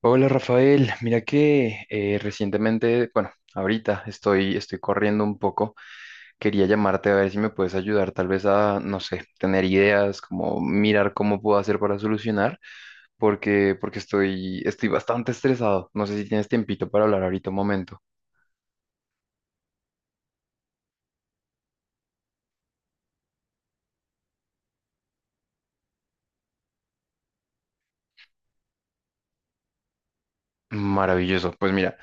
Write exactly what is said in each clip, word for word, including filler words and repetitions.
Hola Rafael, mira que eh, recientemente, bueno, ahorita estoy, estoy corriendo un poco. Quería llamarte a ver si me puedes ayudar, tal vez a, no sé, tener ideas, como mirar cómo puedo hacer para solucionar, porque, porque estoy, estoy bastante estresado. No sé si tienes tiempito para hablar ahorita un momento. Maravilloso. Pues mira,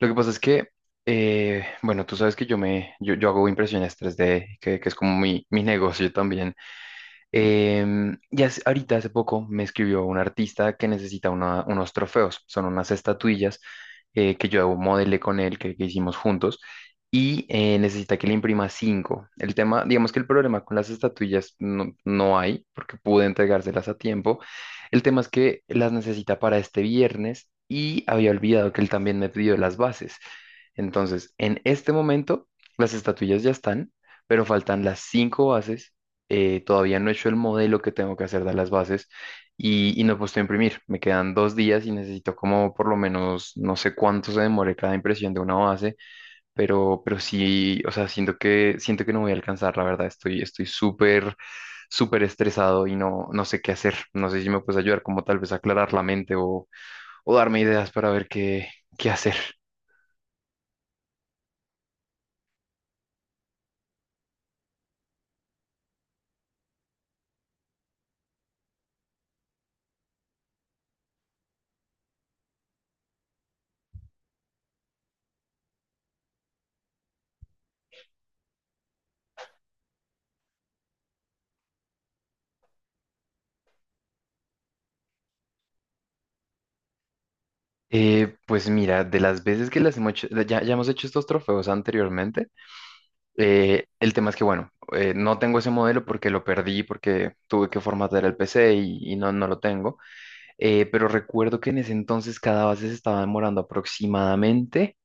lo que pasa es que, eh, bueno, tú sabes que yo me, yo, yo hago impresiones tres D, que, que es como mi, mi negocio también. Em, y hace- ahorita hace poco me escribió un artista que necesita una- unos trofeos, son unas estatuillas eh, que yo modelé con él, que, que hicimos juntos, y eh, necesita que le imprima cinco. El tema, digamos que el problema con las estatuillas no, no hay, porque pude entregárselas a tiempo. El tema es que las necesita para este viernes y había olvidado que él también me pidió las bases. Entonces, en este momento, las estatuillas ya están, pero faltan las cinco bases. Eh, todavía no he hecho el modelo que tengo que hacer de las bases y, y no he puesto a imprimir. Me quedan dos días y necesito como por lo menos, no sé cuánto se demore cada impresión de una base, pero, pero sí, o sea, siento que, siento que no voy a alcanzar, la verdad, estoy, estoy súper, súper estresado y no, no sé qué hacer. No sé si me puedes ayudar como tal vez a aclarar la mente o, o darme ideas para ver qué, qué hacer. Eh, pues mira, de las veces que las hemos hecho, ya, ya hemos hecho estos trofeos anteriormente. Eh, el tema es que, bueno, eh, no tengo ese modelo porque lo perdí, porque tuve que formatear el P C y, y no, no lo tengo. Eh, pero recuerdo que en ese entonces cada base se estaba demorando aproximadamente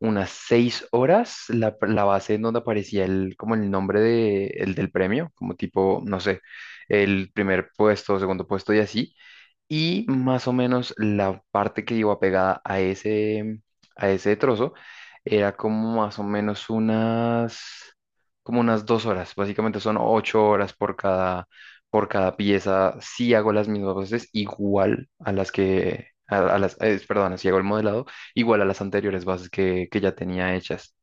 unas seis horas. La, la base en donde aparecía el, como el nombre de, el del premio, como tipo, no sé, el primer puesto, segundo puesto y así, y más o menos la parte que iba pegada a ese, a ese trozo, era como más o menos unas, como unas dos horas. Básicamente son ocho horas por cada, por cada pieza. Si hago las mismas bases igual a las que, a, a las, eh, perdón, si hago el modelado igual a las anteriores bases que, que ya tenía hechas.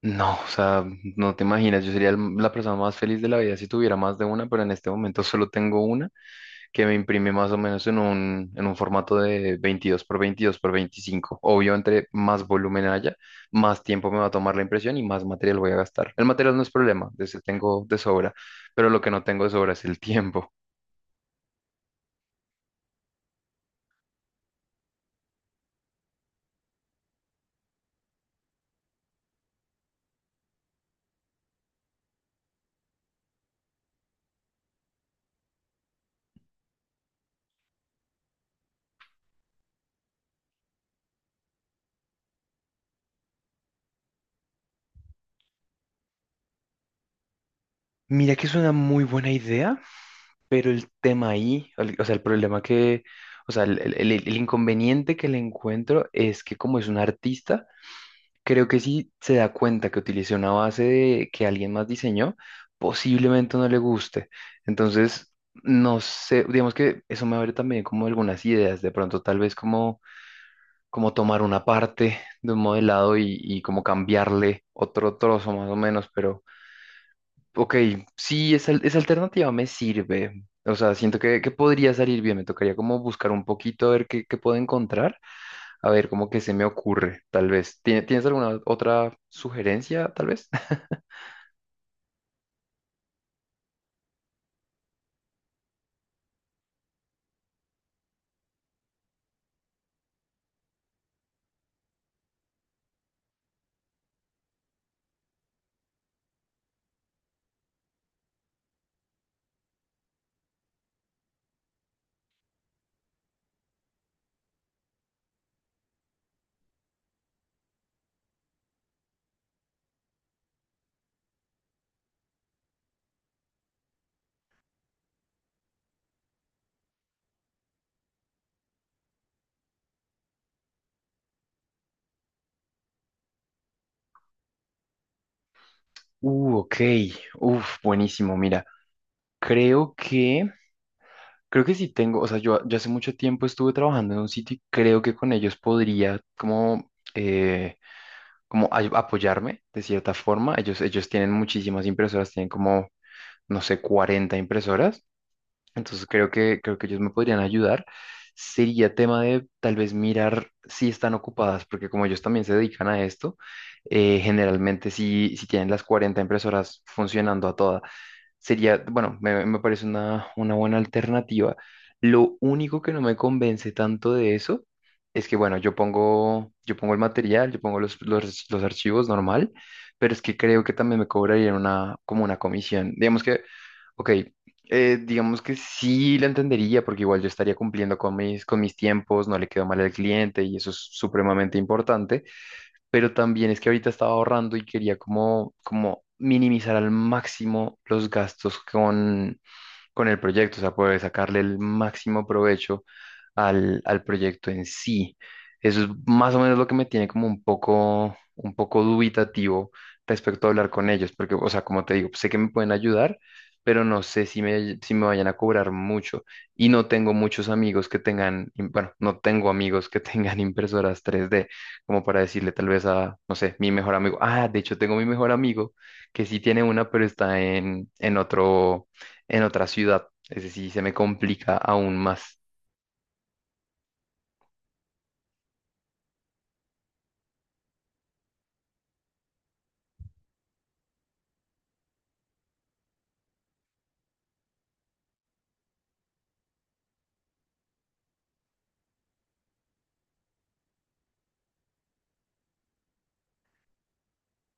No, o sea, no te imaginas, yo sería el- la persona más feliz de la vida si tuviera más de una, pero en este momento solo tengo una que me imprime más o menos en un, en un formato de veintidós por veintidós por veinticinco. Obvio, entre más volumen haya, más tiempo me va a tomar la impresión y más material voy a gastar. El material no es problema, de ese tengo de sobra, pero lo que no tengo de sobra es el tiempo. Mira que es una muy buena idea, pero el tema ahí, el- o sea, el problema que, o sea, el, el- el- el inconveniente que le encuentro es que como es un artista, creo que si se da cuenta que utilicé una base de, que alguien más diseñó, posiblemente no le guste. Entonces, no sé, digamos que eso me abre también como algunas ideas, de pronto tal vez como, como tomar una parte de un modelado y, y como cambiarle otro trozo más o menos, pero ok, sí, esa, esa alternativa me sirve. O sea, siento que, que podría salir bien, me tocaría como buscar un poquito a ver qué, qué puedo encontrar, a ver, ¿cómo que se me ocurre? Tal vez. ¿Tie- Tienes alguna otra sugerencia, tal vez? Uh, ok. Uf, buenísimo. Mira, creo que, creo que sí tengo, o sea, yo, yo hace mucho tiempo estuve trabajando en un sitio y creo que con ellos podría como, eh, como ay- apoyarme de cierta forma. Ellos, ellos tienen muchísimas impresoras, tienen como, no sé, cuarenta impresoras. Entonces creo que, creo que ellos me podrían ayudar. Sería tema de tal vez mirar si están ocupadas, porque como ellos también se dedican a esto, eh, generalmente si, si tienen las cuarenta impresoras funcionando a todas, sería, bueno, me, me parece una, una buena alternativa. Lo único que no me convence tanto de eso es que, bueno, yo pongo, yo pongo el material, yo pongo los, los, los archivos normal, pero es que creo que también me cobrarían una, como una comisión. Digamos que, ok, eh, digamos que sí la entendería porque igual yo estaría cumpliendo con mis, con mis tiempos, no le quedo mal al cliente y eso es supremamente importante, pero también es que ahorita estaba ahorrando y quería como, como minimizar al máximo los gastos con, con el proyecto, o sea, puede sacarle el máximo provecho al, al proyecto en sí. Eso es más o menos lo que me tiene como un poco, un poco dubitativo respecto a hablar con ellos, porque, o sea, como te digo, sé que me pueden ayudar, pero no sé si me, si me vayan a cobrar mucho. Y no tengo muchos amigos que tengan, im- bueno, no tengo amigos que tengan impresoras tres D, como para decirle tal vez a, no sé, mi mejor amigo. Ah, de hecho, tengo mi mejor amigo que sí tiene una, pero está en, en otro, en otra ciudad. Es decir, se me complica aún más.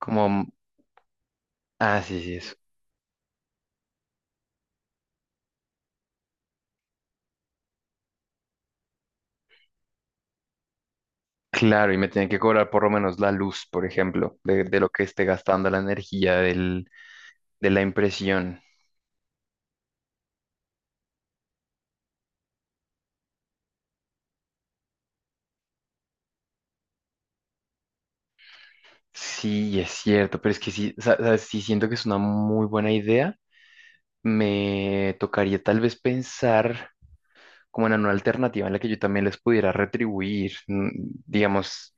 Como, mm, ah, sí, sí, eso. Claro, y me tienen que cobrar por lo menos la luz, por ejemplo, de, de lo que esté gastando la energía del, de la impresión. Sí, es cierto, pero es que sí, sa- sa- sí siento que es una muy buena idea. Me tocaría tal vez pensar como en una alternativa en la que yo también les pudiera retribuir. Mm, digamos,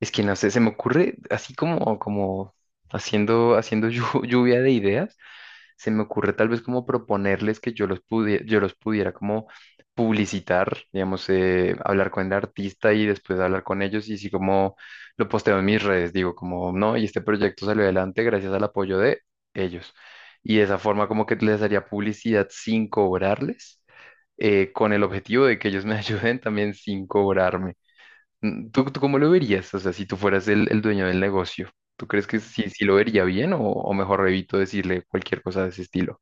es que no sé, se me ocurre así como, como haciendo, haciendo llu- lluvia de ideas. Se me ocurre tal vez como proponerles que yo los pudiera, yo los pudiera como publicitar, digamos, eh, hablar con el artista y después hablar con ellos, y si como lo posteo en mis redes, digo como, no, y este proyecto salió adelante gracias al apoyo de ellos. Y de esa forma como que les haría publicidad sin cobrarles, eh, con el objetivo de que ellos me ayuden también sin cobrarme. Mm, ¿Tú, tú cómo lo verías? O sea, si tú fueras el, el dueño del negocio, ¿tú crees que sí, sí lo vería bien o, o mejor evito decirle cualquier cosa de ese estilo?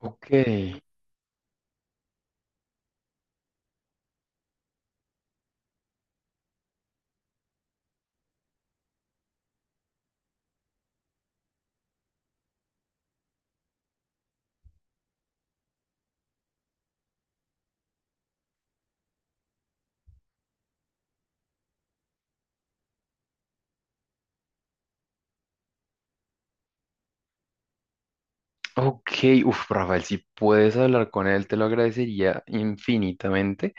Ok, ok, uf, Rafael, si puedes hablar con él, te lo agradecería infinitamente,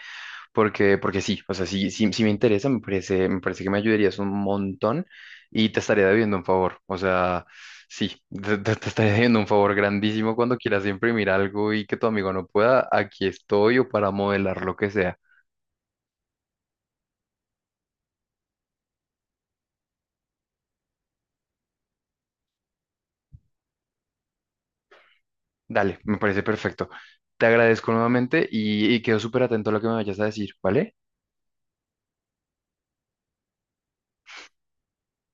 porque, porque sí, o sea, sí, sí, sí me interesa, me parece, me parece que me ayudarías un montón y te estaré debiendo un favor, o sea, sí, te, te- te estaré debiendo un favor grandísimo cuando quieras imprimir algo y que tu amigo no pueda, aquí estoy o para modelar lo que sea. Dale, me parece perfecto. Te agradezco nuevamente y, y quedo súper atento a lo que me vayas a decir, ¿vale?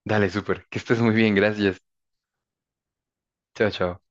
Dale, súper. Que estés muy bien, gracias. Chao, chao.